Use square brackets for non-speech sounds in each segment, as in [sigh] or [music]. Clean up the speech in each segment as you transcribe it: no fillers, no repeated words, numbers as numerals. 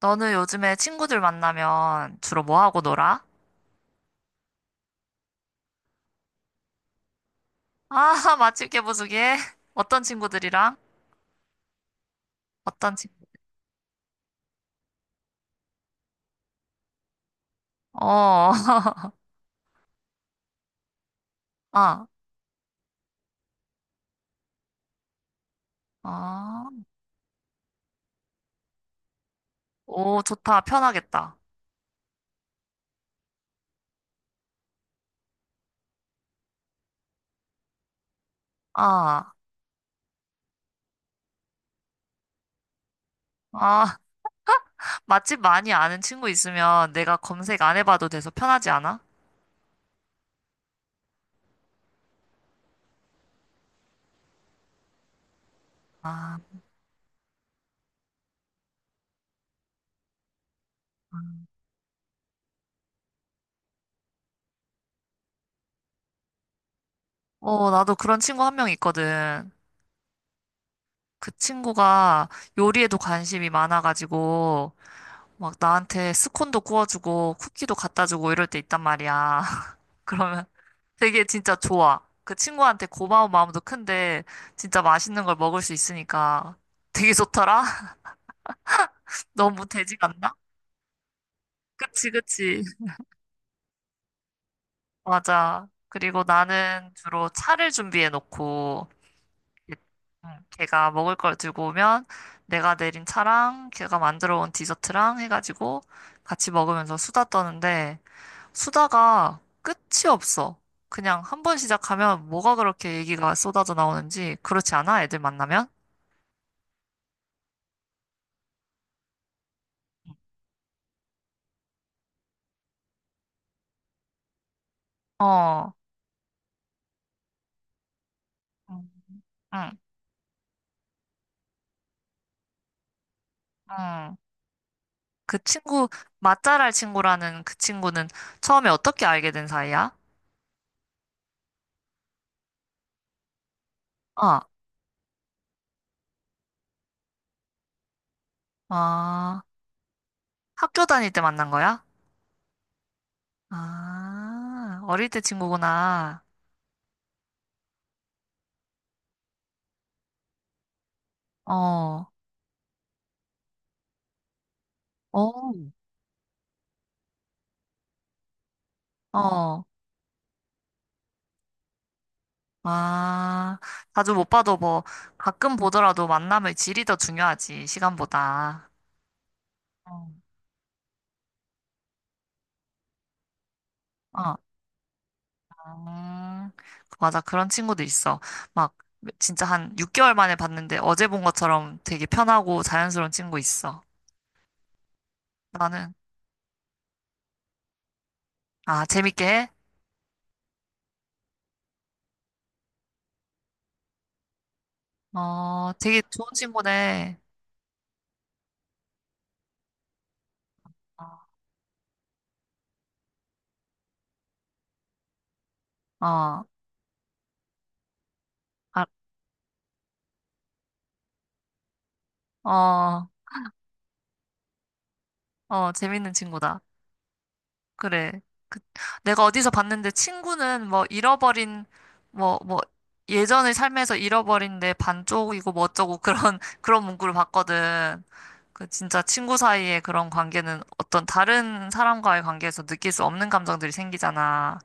너는 요즘에 친구들 만나면 주로 뭐 하고 놀아? 아, [laughs] 맛집 개보수기 해? [laughs] 어떤 친구들이랑? 어떤 친구? 어, [laughs] 아, 아, 오, 좋다. 편하겠다. 아, 아, [laughs] 맛집 많이 아는 친구 있으면 내가 검색 안 해봐도 돼서 편하지 않아? 아, 아. 어, 나도 그런 친구 한 명 있거든. 그 친구가 요리에도 관심이 많아가지고, 막 나한테 스콘도 구워주고 쿠키도 갖다 주고 이럴 때 있단 말이야. [laughs] 그러면 되게 진짜 좋아. 그 친구한테 고마운 마음도 큰데 진짜 맛있는 걸 먹을 수 있으니까 되게 좋더라? [laughs] 너무 되지 않나? 그치, 그치. 맞아. 그리고 나는 주로 차를 준비해 놓고 걔가 먹을 걸 들고 오면 내가 내린 차랑 걔가 만들어 온 디저트랑 해가지고 같이 먹으면서 수다 떠는데 수다가 끝이 없어. 그냥 한 번 시작하면 뭐가 그렇게 얘기가 쏟아져 나오는지 그렇지 않아? 애들 만나면? 어, 응, 응. 응. 그 친구, 맛잘알 친구라는 그 친구는 처음에 어떻게 알게 된 사이야? 어, 아, 학교 다닐 때 만난 거야? 아, 어릴 때 친구구나. 어, 어, 어, 아, 자주 못 봐도 뭐 가끔 보더라도 만남의 질이 더 중요하지, 시간보다. 어. 아, 음, 맞아. 그런 친구도 있어. 막, 진짜 한 6개월 만에 봤는데 어제 본 것처럼 되게 편하고 자연스러운 친구 있어. 나는, 아, 재밌게 해? 어, 되게 좋은 친구네. 어, 어, 아, 어, 어, 재밌는 친구다. 그래. 그, 내가 어디서 봤는데 친구는 뭐 잃어버린, 뭐, 예전의 삶에서 잃어버린 내 반쪽이고 뭐 어쩌고 그런, [laughs] 그런 문구를 봤거든. 그 진짜 친구 사이의 그런 관계는 어떤 다른 사람과의 관계에서 느낄 수 없는 감정들이 생기잖아.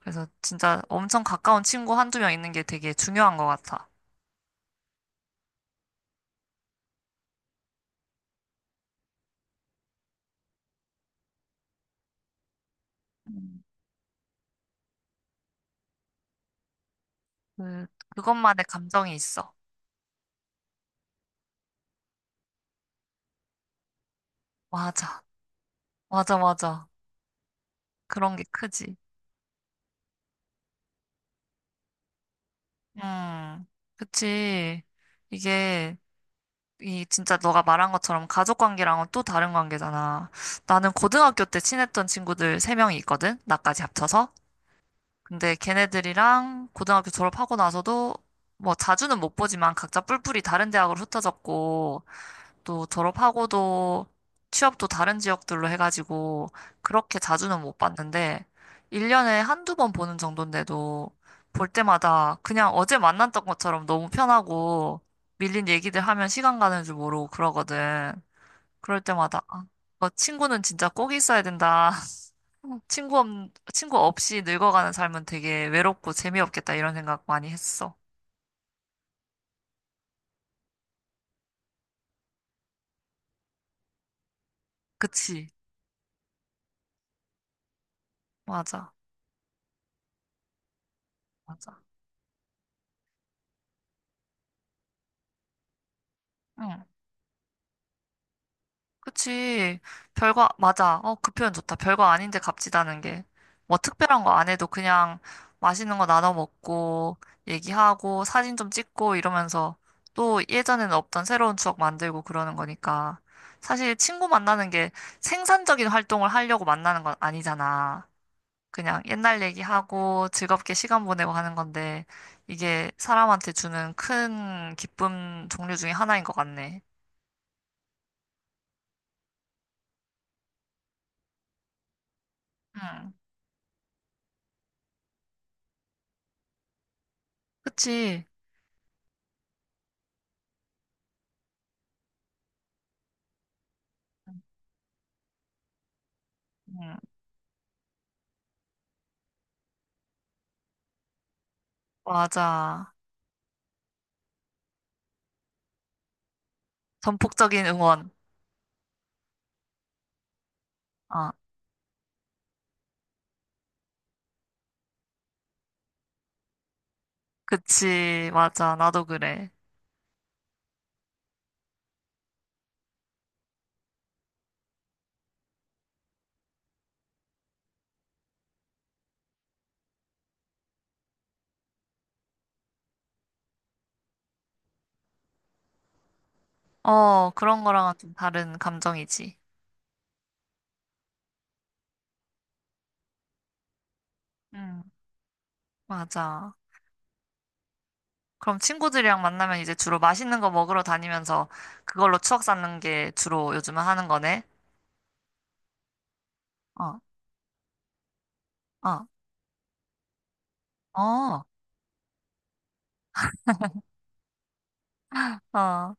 그래서 진짜 엄청 가까운 친구 한두 명 있는 게 되게 중요한 것 같아. 음. 그, 그것만의 감정이 있어. 맞아. 맞아, 맞아. 그런 게 크지. 음, 그치. 이게, 이 진짜 너가 말한 것처럼 가족 관계랑은 또 다른 관계잖아. 나는 고등학교 때 친했던 친구들 세명이 있거든? 나까지 합쳐서. 근데 걔네들이랑 고등학교 졸업하고 나서도 뭐 자주는 못 보지만 각자 뿔뿔이 다른 대학으로 흩어졌고 또 졸업하고도 취업도 다른 지역들로 해가지고 그렇게 자주는 못 봤는데 1년에 한두 번 보는 정도인데도 볼 때마다 그냥 어제 만났던 것처럼 너무 편하고 밀린 얘기들 하면 시간 가는 줄 모르고 그러거든. 그럴 때마다 아, 너 친구는 진짜 꼭 있어야 된다. 어, 친구 없, 친구 없이 늙어가는 삶은 되게 외롭고 재미없겠다 이런 생각 많이 했어. 그치? 맞아. 맞아. 응. 그치. 별거, 맞아. 어, 그 표현 좋다. 별거 아닌데 값지다는 게. 뭐 특별한 거 안 해도 그냥 맛있는 거 나눠 먹고, 얘기하고, 사진 좀 찍고 이러면서 또 예전에는 없던 새로운 추억 만들고 그러는 거니까. 사실 친구 만나는 게 생산적인 활동을 하려고 만나는 건 아니잖아. 그냥 옛날 얘기하고 즐겁게 시간 보내고 하는 건데, 이게 사람한테 주는 큰 기쁨 종류 중에 하나인 것 같네. 응, 그치. 응, 맞아. 전폭적인 응원. 아, 그치. 맞아. 나도 그래. 어, 그런 거랑은 좀 다른 감정이지. 응, 맞아. 그럼 친구들이랑 만나면 이제 주로 맛있는 거 먹으러 다니면서 그걸로 추억 쌓는 게 주로 요즘은 하는 거네. 어, 어, 어, 어.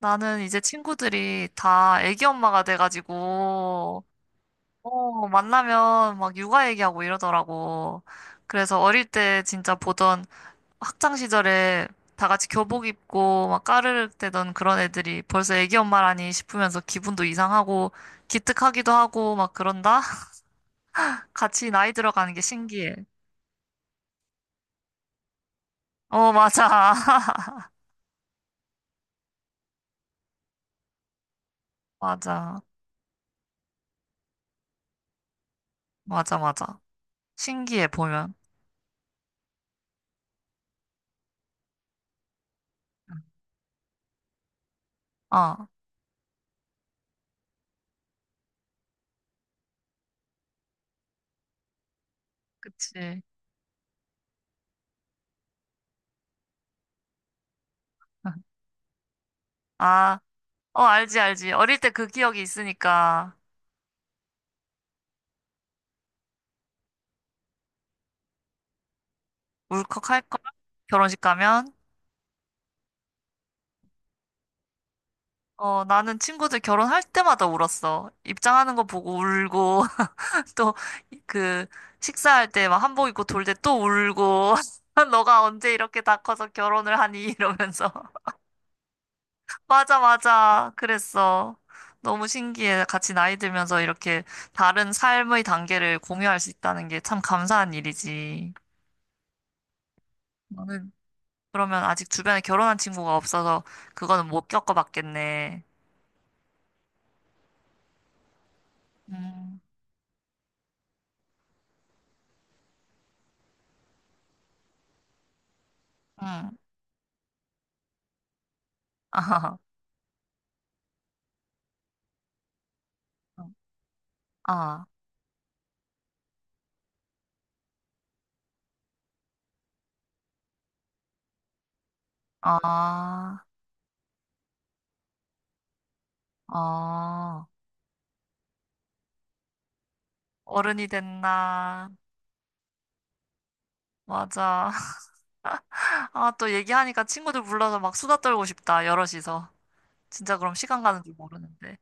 나는 이제 친구들이 다 애기 엄마가 돼가지고, 어, 만나면 막 육아 얘기하고 이러더라고. 그래서 어릴 때 진짜 보던 학창 시절에 다 같이 교복 입고 막 까르륵 대던 그런 애들이 벌써 애기 엄마라니 싶으면서 기분도 이상하고 기특하기도 하고 막 그런다? [laughs] 같이 나이 들어가는 게 신기해. 어, 맞아. [laughs] 맞아. 맞아, 맞아. 신기해, 보면. 응. 어, 그치. [laughs] 아. 어, 알지, 알지. 어릴 때 그 기억이 있으니까 울컥할걸? 결혼식 가면? 어, 나는 친구들 결혼할 때마다 울었어. 입장하는 거 보고 울고, [laughs] 또, 그, 식사할 때 막 한복 입고 돌 때 또 울고, [laughs] 너가 언제 이렇게 다 커서 결혼을 하니? 이러면서. [laughs] 맞아, 맞아. 그랬어. 너무 신기해. 같이 나이 들면서 이렇게 다른 삶의 단계를 공유할 수 있다는 게 참 감사한 일이지. 나는 그러면 아직 주변에 결혼한 친구가 없어서 그거는 못 겪어봤겠네. 음, 음, 아, 아, 아, 아, [laughs] 어른이 됐나. 맞아. [laughs] 아, 또 얘기하니까 친구들 불러서 막 수다 떨고 싶다, 여럿이서. 진짜 그럼 시간 가는 줄 모르는데.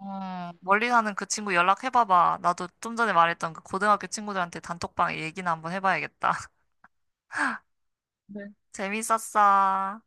멀리 사는 그 친구 연락해봐봐. 나도 좀 전에 말했던 그 고등학교 친구들한테 단톡방에 얘기나 한번 해봐야겠다. [laughs] 네. 재밌었어.